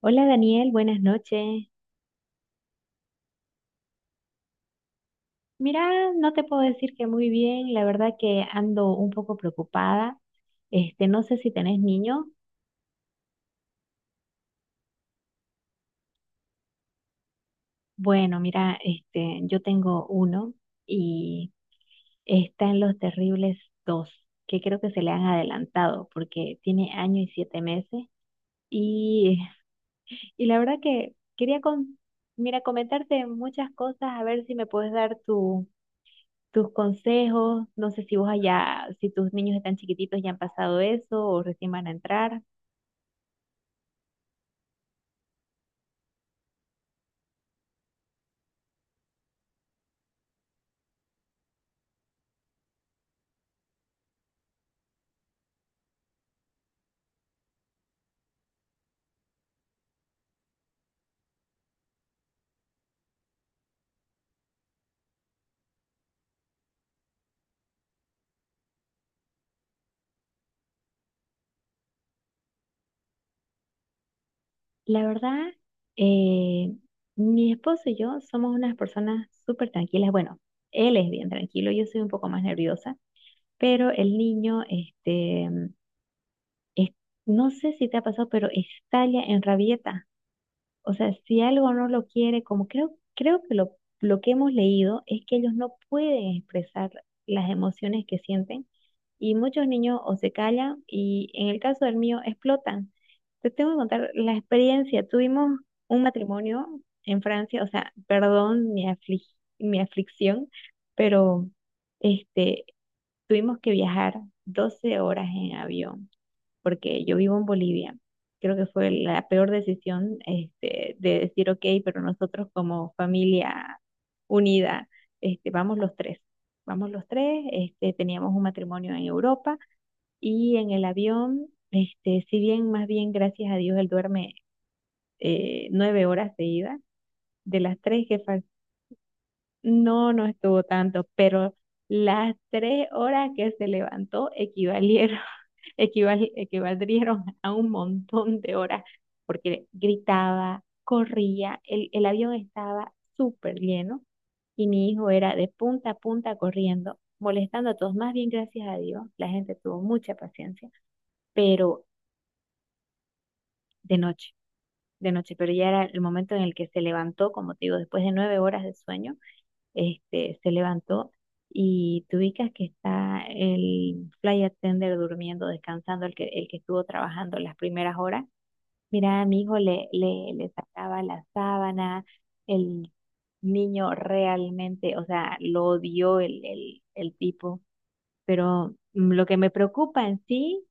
Hola Daniel, buenas noches. Mira, no te puedo decir que muy bien, la verdad que ando un poco preocupada. No sé si tenés niños. Bueno, mira, yo tengo uno y está en los terribles dos, que creo que se le han adelantado porque tiene año y 7 meses. Y, y la verdad que quería mira, comentarte muchas cosas, a ver si me puedes dar tu tus consejos. No sé si vos allá, si tus niños están chiquititos ya han pasado eso o recién van a entrar. La verdad, eh, mi esposo y yo somos unas personas súper tranquilas. Bueno, él es bien tranquilo, yo soy un poco más nerviosa, pero el niño, es- no sé si te ha pasado, pero estalla en rabieta. O sea, si algo no lo quiere, como creo que lo que hemos leído es que ellos no pueden expresar las emociones que sienten y muchos niños o se callan y en el caso del mío explotan. Te tengo que contar la experiencia. Tuvimos un matrimonio en Francia, o sea, perdón, mi aflicción, pero este, tuvimos que viajar 12 horas en avión porque yo vivo en Bolivia. Creo que fue la peor decisión, de decir, ok, pero nosotros como familia unida, vamos los tres. Vamos los tres, teníamos un matrimonio en Europa y en el avión, si bien, más bien, gracias a Dios, él duerme 9 horas seguidas, de las tres que no, no estuvo tanto, pero las 3 horas que se levantó equivalieron, equivaldrieron a un montón de horas, porque gritaba, corría, el avión estaba súper lleno y mi hijo era de punta a punta corriendo, molestando a todos. Más bien, gracias a Dios, la gente tuvo mucha paciencia, pero de noche, de noche, pero ya era el momento en el que se levantó, como te digo, después de 9 horas de sueño, se levantó y tú ubicas que está el flight attendant durmiendo, descansando, el que estuvo trabajando las primeras horas. Mira, mi hijo le sacaba la sábana, el niño realmente, o sea, lo odió el tipo, pero lo que me preocupa en sí.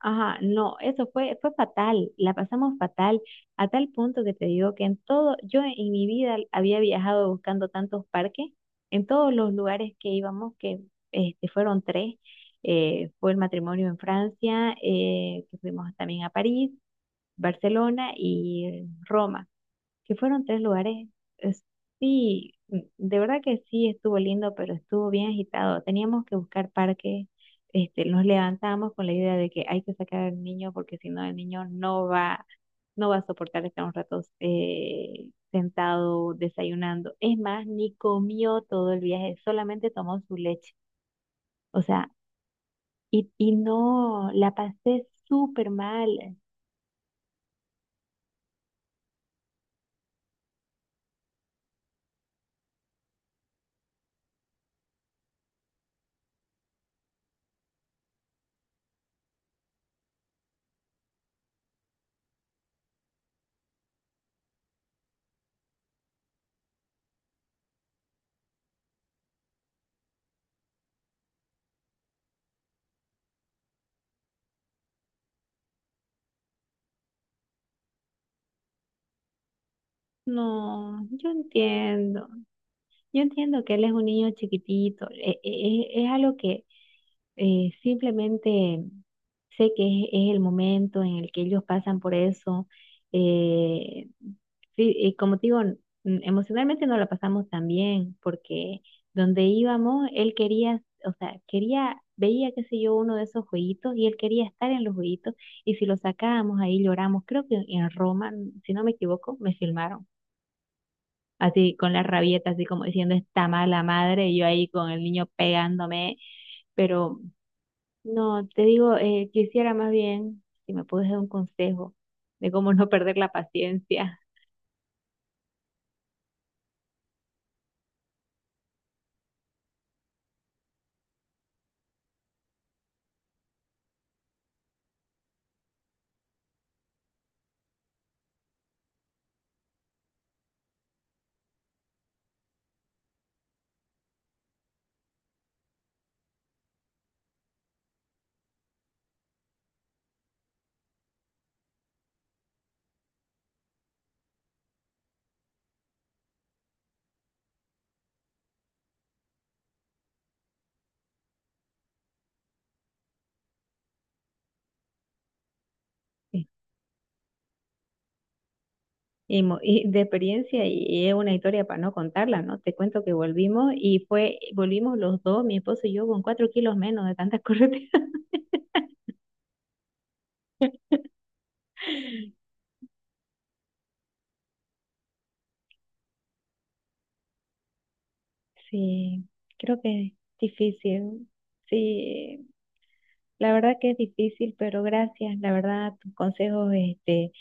Ajá, no, eso fue, fue fatal, la pasamos fatal, a tal punto que te digo que en todo, yo en mi vida había viajado buscando tantos parques, en todos los lugares que íbamos, que fueron tres, fue el matrimonio en Francia, que fuimos también a París, Barcelona y Roma que fueron tres lugares. es- Sí, de verdad que sí estuvo lindo, pero estuvo bien agitado. Teníamos que buscar parques. Nos levantábamos con la idea de que hay que sacar al niño porque si no el niño no va, no va a soportar estar un rato sentado desayunando. Es más, ni comió todo el viaje, solamente tomó su leche. O sea, y no, la pasé súper mal. No, yo entiendo. Yo entiendo que él es un niño chiquitito, es, algo que simplemente sé que es el momento en el que ellos pasan por eso. eh, sí, y como te digo, emocionalmente no la pasamos tan bien porque donde íbamos, él quería, o sea, quería, veía, qué sé yo, uno de esos jueguitos y él quería estar en los jueguitos y si lo sacábamos ahí lloramos. Creo que en Roma, si no me equivoco, me filmaron así con la rabieta, así como diciendo está mala madre, y yo ahí con el niño pegándome, pero no, te digo, quisiera más bien, si me puedes dar un consejo de cómo no perder la paciencia. Sí. Y de experiencia, y es una historia para no contarla, ¿no? Te cuento que volvimos y fue, volvimos los dos, mi esposo y yo, con 4 kilos menos de tantas correteas. Sí, creo que es difícil. Sí, la verdad que es difícil, pero gracias. La verdad, tus consejos,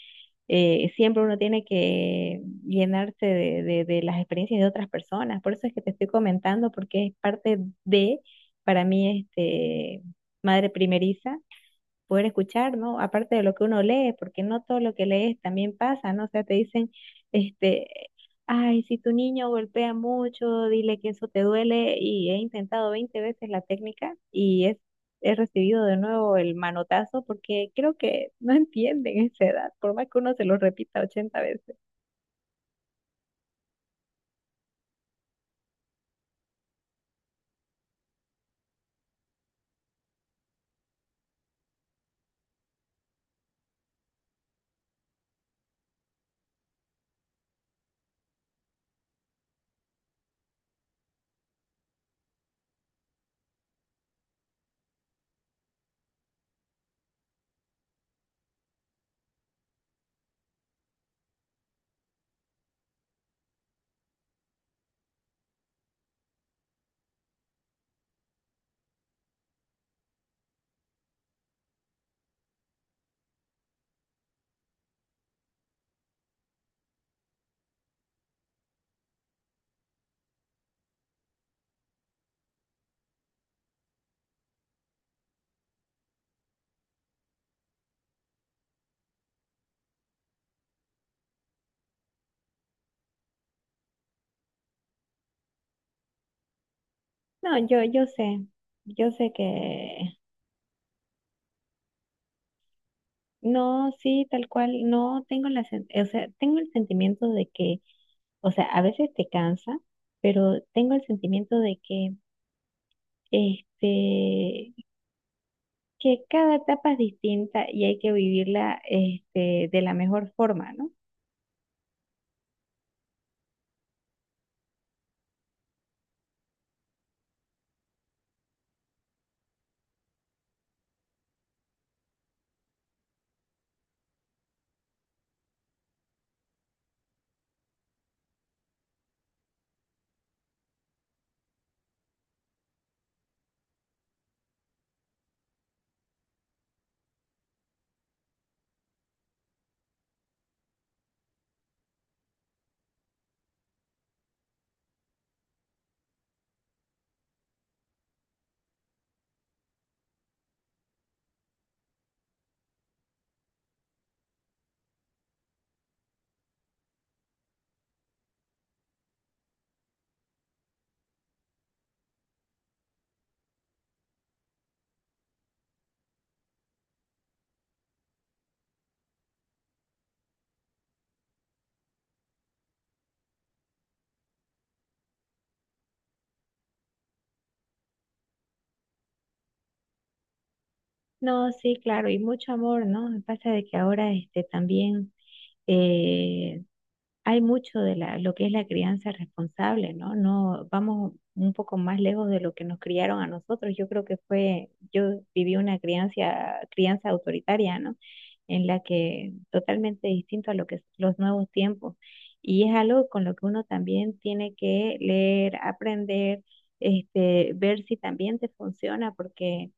siempre uno tiene que llenarse de, de las experiencias de otras personas. Por eso es que te estoy comentando, porque es parte de, para mí, madre primeriza poder escuchar, ¿no? Aparte de lo que uno lee, porque no todo lo que lees también pasa, ¿no? O sea, te dicen, este, ay, si tu niño golpea mucho, dile que eso te duele, y he intentado 20 veces la técnica y es, he recibido de nuevo el manotazo porque creo que no entienden esa edad, por más que uno se lo repita 80 veces. No, yo sé que... No, sí, tal cual, no tengo o sea, tengo el sentimiento de que, o sea, a veces te cansa, pero tengo el sentimiento de que, este, que cada etapa es distinta y hay que vivirla, de la mejor forma, ¿no? No, sí, claro, y mucho amor, ¿no? Pasa de que ahora, también eh, hay mucho de la, lo que es la crianza responsable, ¿no? No vamos un poco más lejos de lo que nos criaron a nosotros. Yo creo que fue, yo viví una crianza, autoritaria, ¿no? En la que totalmente distinto a lo que es los nuevos tiempos. Y es algo con lo que uno también tiene que leer, aprender, ver si también te funciona, porque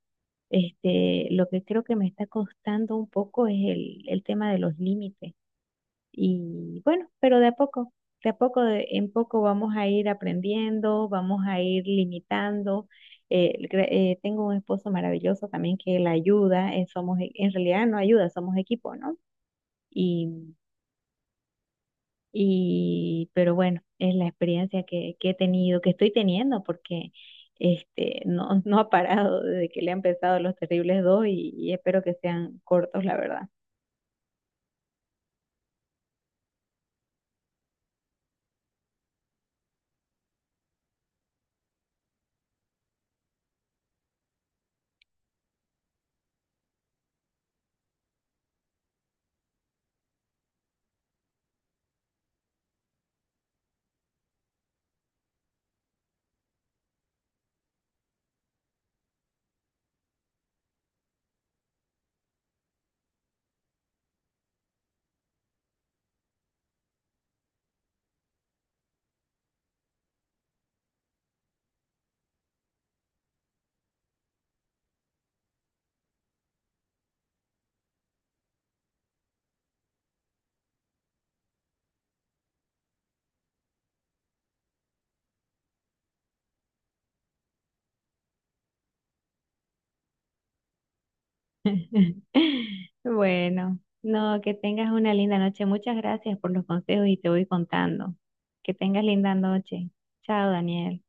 lo que creo que me está costando un poco es el tema de los límites y bueno, pero de a poco, en poco vamos a ir aprendiendo, vamos a ir limitando. Tengo un esposo maravilloso también que la ayuda, somos, en realidad no ayuda, somos equipo, ¿no? Y, pero bueno, es la experiencia que he tenido, que estoy teniendo, porque no, no ha parado desde que le han empezado los terribles dos y espero que sean cortos, la verdad. Bueno, no, que tengas una linda noche. Muchas gracias por los consejos y te voy contando. Que tengas linda noche. Chao, Daniel.